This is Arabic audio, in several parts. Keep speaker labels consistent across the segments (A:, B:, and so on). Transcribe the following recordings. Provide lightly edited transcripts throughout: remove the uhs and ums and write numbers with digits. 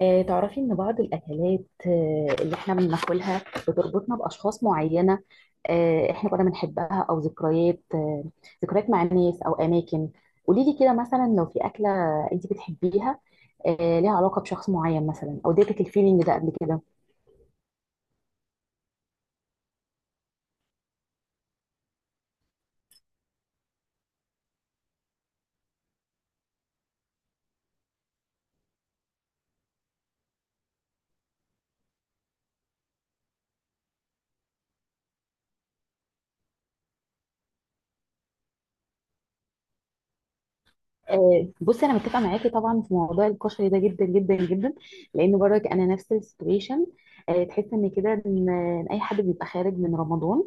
A: تعرفي إن بعض الأكلات اللي إحنا بناكلها بتربطنا بأشخاص معينة. إحنا كنا بنحبها أو ذكريات مع ناس أو أماكن. قوليلي كده مثلا لو في أكلة أنت بتحبيها، ليها علاقة بشخص معين مثلا أو اديتك الفيلينج ده قبل كده؟ بصي، أنا متفقة معاكي طبعا في موضوع الكشري ده جدا جدا جدا، لأن برضك أنا نفس السيتويشن. تحس إن كده إن أي حد بيبقى خارج من رمضان،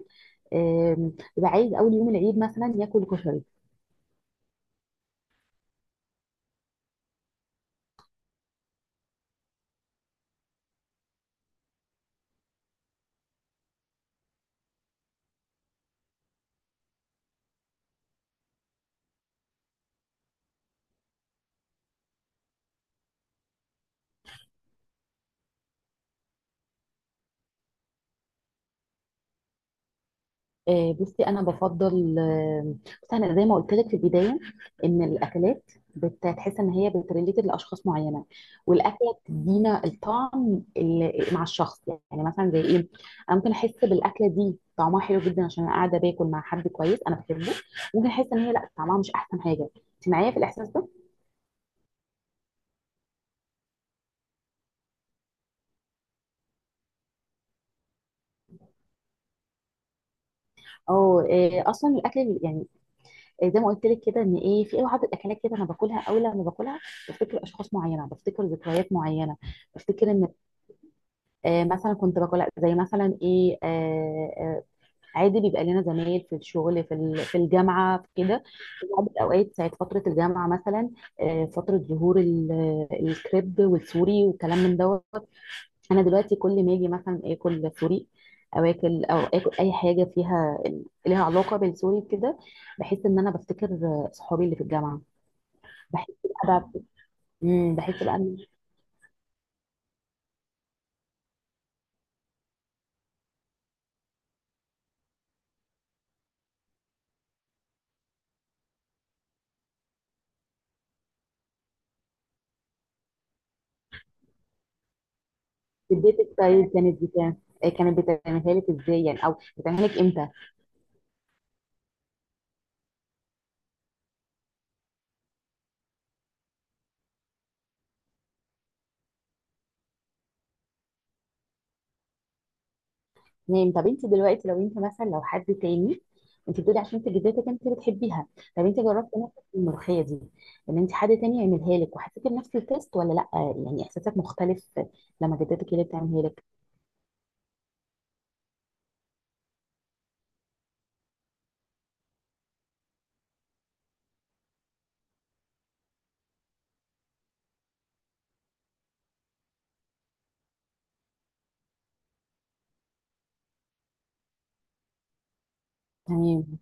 A: بيبقى عايز اول يوم العيد مثلا ياكل كشري. آه، بصي انا بفضل آه، بصي انا زي ما قلت لك في البدايه، ان الاكلات بتحس ان هي بتريليتد لاشخاص معينه، والاكله بتدينا الطعم اللي مع الشخص. يعني مثلا زي ايه؟ انا ممكن احس بالاكله دي طعمها حلو جدا عشان انا قاعده باكل مع حد كويس انا بحبه. ممكن احس ان هي لا، طعمها مش احسن حاجه. انت معايا في الاحساس ده؟ اه. اصلا الاكل يعني، زي ما قلت لك كده، ان ايه في بعض الاكلات كده انا باكلها، اول لما باكلها بفتكر اشخاص معينه، بفتكر ذكريات معينه. بفتكر ان، مثلا كنت باكل، لأ، زي مثلا ايه، عادي بيبقى لنا زمايل في الشغل، في في الجامعه في كده. في بعض الاوقات ساعه فتره الجامعه مثلا، فتره ظهور الكريب والسوري والكلام من دوت. انا دلوقتي كل ما اجي مثلا اكل سوري، او اكل اي حاجه فيها ليها علاقه بالسوري كده، بحس ان انا بفتكر صحابي اللي في الجامعه. بحس بقى بحس بقى إن الديت ستايل كانت بتاع. كانت بتعملها لك ازاي يعني، او بتعملها لك امتى؟ تمام. طب انت دلوقتي لو انت مثلا، لو حد تاني. انت بتقولي عشان انت جدتك انت بتحبيها. طب انت جربتي نفسك في الملوخيه دي، ان انت حد تاني يعملها لك وحسيتي بنفس التيست ولا لا؟ يعني احساسك مختلف لما جدتك هي اللي بتعملها لك؟ تمام.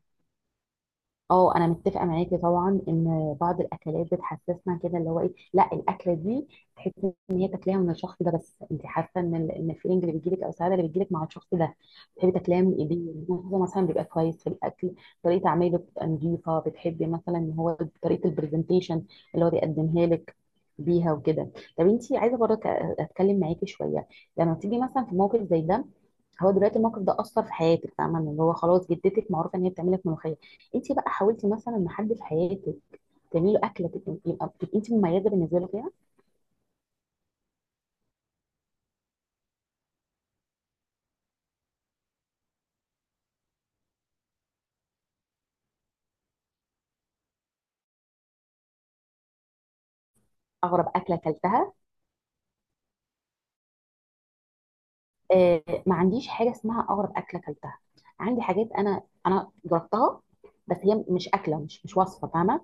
A: اه، انا متفقه معاكي طبعا ان بعض الاكلات بتحسسنا كده، اللي هو ايه، لا، الاكله دي تحسي ان هي تاكليها من الشخص ده، بس انت حاسه ان ان الفيلينج اللي بيجيلك او السعاده اللي بتجيلك مع الشخص ده، بتحبي تاكليها من ايديه. هو مثلا بيبقى كويس في الاكل، طريقه عمايله بتبقى نظيفه، بتحبي مثلا ان هو طريقه البرزنتيشن اللي هو بيقدمها لك بيها وكده. طب انت عايزه برضه اتكلم معاكي شويه، لما تيجي مثلا في موقف زي ده. هو دلوقتي الموقف ده اثر في حياتك، فاهمه ان هو خلاص جدتك معروفه ان هي بتعمل لك ملوخيه. انت بقى حاولتي مثلا ان حد في حياتك تعملي له اكله تبقى تبقي انت مميزه بالنسبه له فيها؟ اغرب اكله اكلتها؟ ما عنديش حاجه اسمها اغرب اكله اكلتها. عندي حاجات انا جربتها، بس هي مش اكله، مش وصفه فاهمه.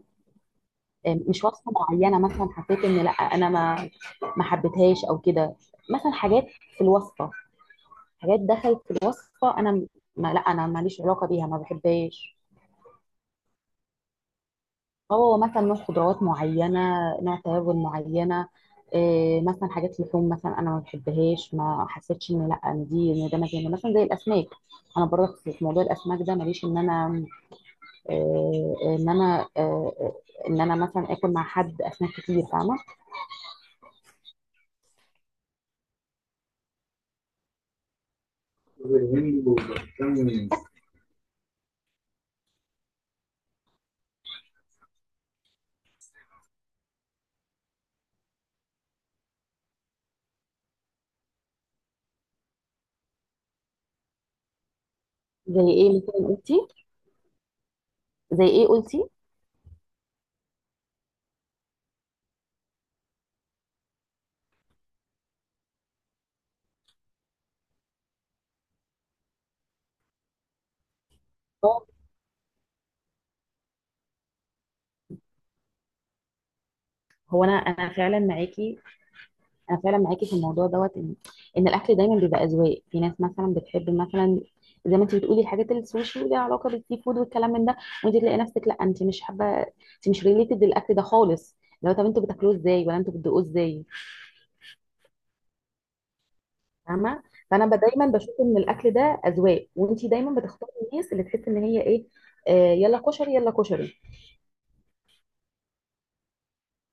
A: مش وصفه معينه، مثلا حسيت ان لا انا ما حبيتهاش او كده. مثلا حاجات في الوصفه، حاجات دخلت في الوصفه انا ما، لا انا ماليش علاقه بيها، ما بحبهاش. هو مثلا نوع خضروات معينة، نوع توابل معينة. إيه مثلا حاجات لحوم، مثلا انا ما بحبهاش، ما حسيتش ان لا، ان دي ان ده مكاني، مثلا زي الاسماك. انا برضه في موضوع الاسماك ده ماليش ان انا إيه، ان انا مثلا اكل مع حد اسماك كتير، فاهمة. زي ايه مثلا قلتي؟ زي ايه قلتي؟ اه، هو انا فعلا معاكي. انا فعلا معاكي في الموضوع دوت، ان الاكل دايما بيبقى اذواق. في ناس مثلا بتحب، مثلا زي ما انت بتقولي الحاجات السوشي وليها علاقه بالسي فود والكلام من ده، وانت تلاقي نفسك لا انت مش حابه، انت مش ريليتد للاكل ده خالص. لو طب انتوا بتاكلوه ازاي، ولا انتوا بتدوقوه ازاي؟ فاهمه. فانا دايما بشوف ان الاكل ده اذواق، وانت دايما بتختاري الناس اللي تحس ان هي ايه. يلا كشري، يلا كشري.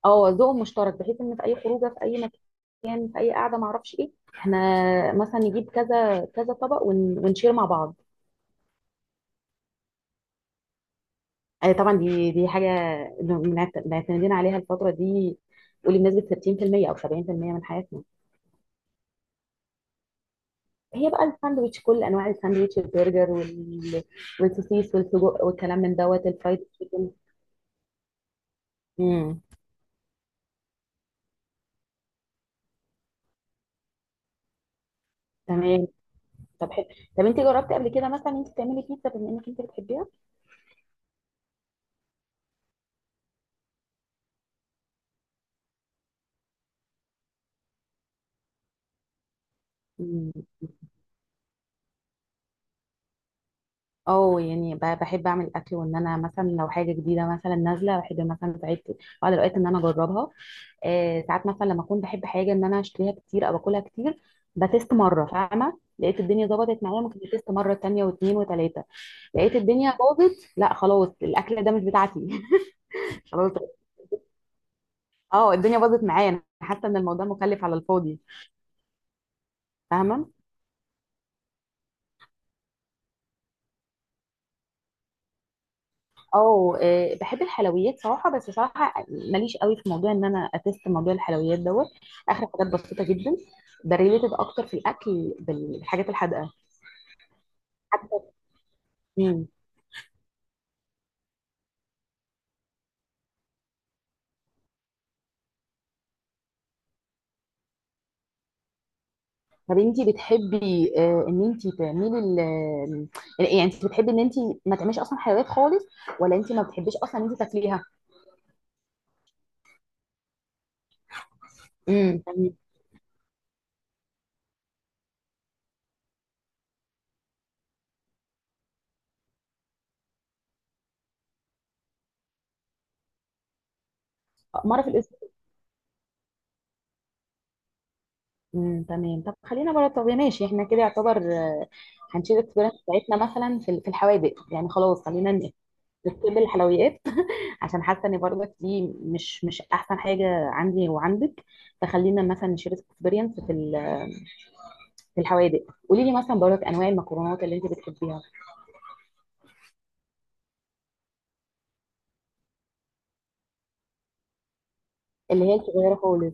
A: اه، ذوق مشترك، بحيث ان في اي خروجه في اي مكان في اي قعده ما اعرفش ايه، احنا مثلا نجيب كذا كذا طبق ونشير مع بعض. طبعا دي حاجه معتمدين عليها الفتره دي. قولي بنسبه 60% او 70% من حياتنا. هي بقى الساندوتش، كل انواع الساندوتش، البرجر والسوسيس والسجق والكلام من دوت الفرايد تشيكن. امم تمام. طب حلو، طب انت جربتي قبل كده مثلا انت تعملي بيتزا، بما انك انت بتحبيها؟ اه، يعني بحب اعمل اكل. وان انا مثلا لو حاجه جديده مثلا نازله، بحب مثلا ساعات، بعض الاوقات، ان انا اجربها. ساعات مثلا لما اكون بحب حاجه، ان انا اشتريها كتير او اكلها كتير، بتست مره فاهمه. لقيت الدنيا ظبطت معايا، ممكن بتست مره تانية واتنين وتلاته. لقيت الدنيا باظت، لا خلاص الاكل ده مش بتاعتي. خلاص. اه، الدنيا باظت معايا، انا حاسه ان الموضوع مكلف على الفاضي. فاهمه. اه. بحب الحلويات صراحه، بس صراحه ماليش قوي في موضوع ان انا اتست موضوع الحلويات دوت. اخر حاجات بسيطه جدا، بريليتد اكتر في الاكل بالحاجات الحادقه حتى. مم. طب انتي بتحبي ان انتي تعملي ال آه، يعني انتي بتحبي ان انتي ما تعمليش اصلا حلويات خالص، ولا انتي ما بتحبيش اصلا ان انتي تاكليها؟ تمام. مره في الاسبوع؟ تمام. طب خلينا بره، طب يا ماشي احنا كده يعتبر هنشيل الاكسبيرينس بتاعتنا مثلا في في الحوادق، يعني خلاص. خلينا نكتب الحلويات عشان حاسه ان برضك دي مش احسن حاجه عندي وعندك. فخلينا مثلا نشير اكسبيرينس في في الحوادق. قولي لي مثلا برضك انواع المكرونات اللي انت بتحبيها. اللي هي الصغيره خالص؟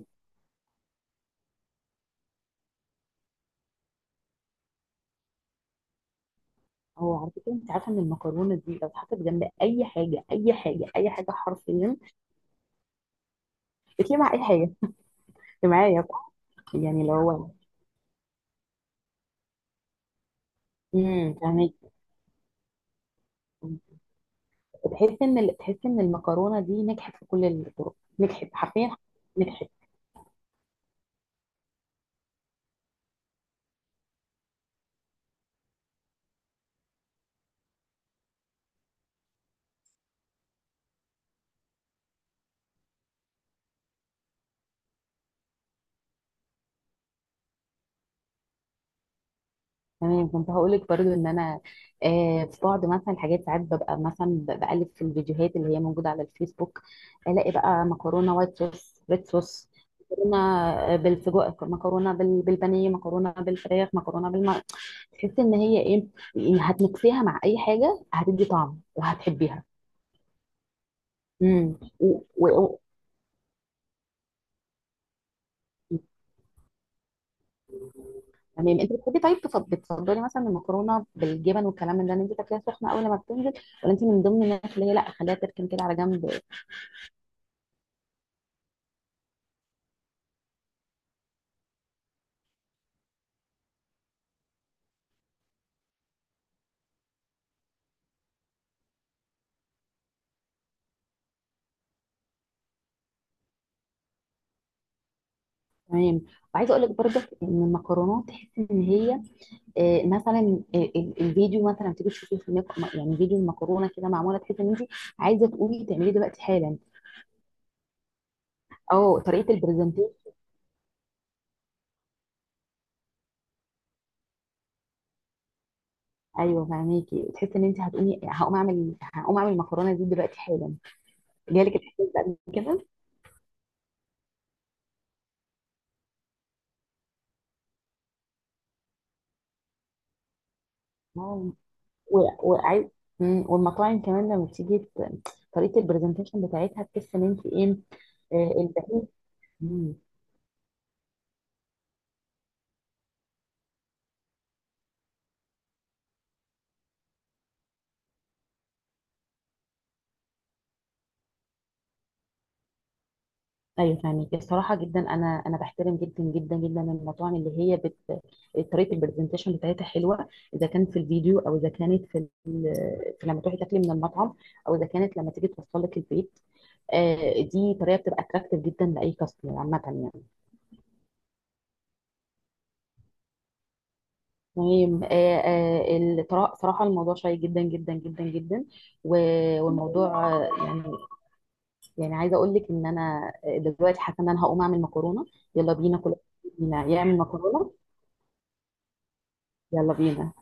A: هو على فكره، انت عارفه ان المكرونه دي لو اتحطت جنب اي حاجه، اي حاجه اي حاجه، حرفيا بتيجي مع اي حاجه. انت معايا صح؟ يعني اللي هو، فاهمك. تحس ان المكرونه دي نجحت في كل الطرق، نجحت حرفيا، نجحت. تمام. كنت هقولك برضو ان انا، في بعض مثلا الحاجات، ساعات ببقى مثلا بقلب في الفيديوهات اللي هي موجوده على الفيسبوك، الاقي بقى مكرونه وايت صوص، ريد صوص، مكرونه بالسجق، مكرونه بالبانيه، مكرونه بالفراخ، مكرونه بالم. تحس ان هي ايه؟ يعني هتمكسيها مع اي حاجه، هتدي طعم وهتحبيها. امم و... و... تمام. انت بتحبي، طيب، بتفضلي مثلا المكرونه بالجبن والكلام من ده ان انت تاكليها سخنه اول ما بتنزل، ولا انت من ضمن الناس اللي هي لا خليها تركن كده على جنب؟ تمام. وعايزه اقول لك برضك ان المكرونات تحس ان هي مثلا الفيديو مثلا تيجي تشوفيه في الميك، يعني فيديو المكرونه كده معموله، تحس ان انت عايزه تقومي تعمليه دلوقتي حالا، او طريقه البرزنتيشن. ايوه فهماكي، تحس ان انت هتقومي، هقوم اعمل المكرونه دي دلوقتي حالا. جالك الاحساس ده قبل كده؟ آه. وعايز. والمطاعم كمان لما بتيجي طريقه البرزنتيشن بتاعتها تحس ان انت ايه؟ آه، البهيج. ايوه فاهمك، الصراحه جدا انا بحترم جدا جدا جدا المطاعم اللي هي طريقه البرزنتيشن بتاعتها حلوه، اذا كان في الفيديو، او اذا كانت في لما تروحي تاكلي من المطعم، او اذا كانت لما تيجي توصل لك البيت. دي طريقه بتبقى اتراكتيف جدا لاي كاستمر عامه يعني. المهم، صراحه الموضوع شيق جدا جدا جدا جدا. والموضوع يعني، يعني عايزه اقول لك ان انا دلوقتي حاسه ان انا هقوم اعمل مكرونه. يلا بينا كلنا يعمل مكرونه. يلا بينا.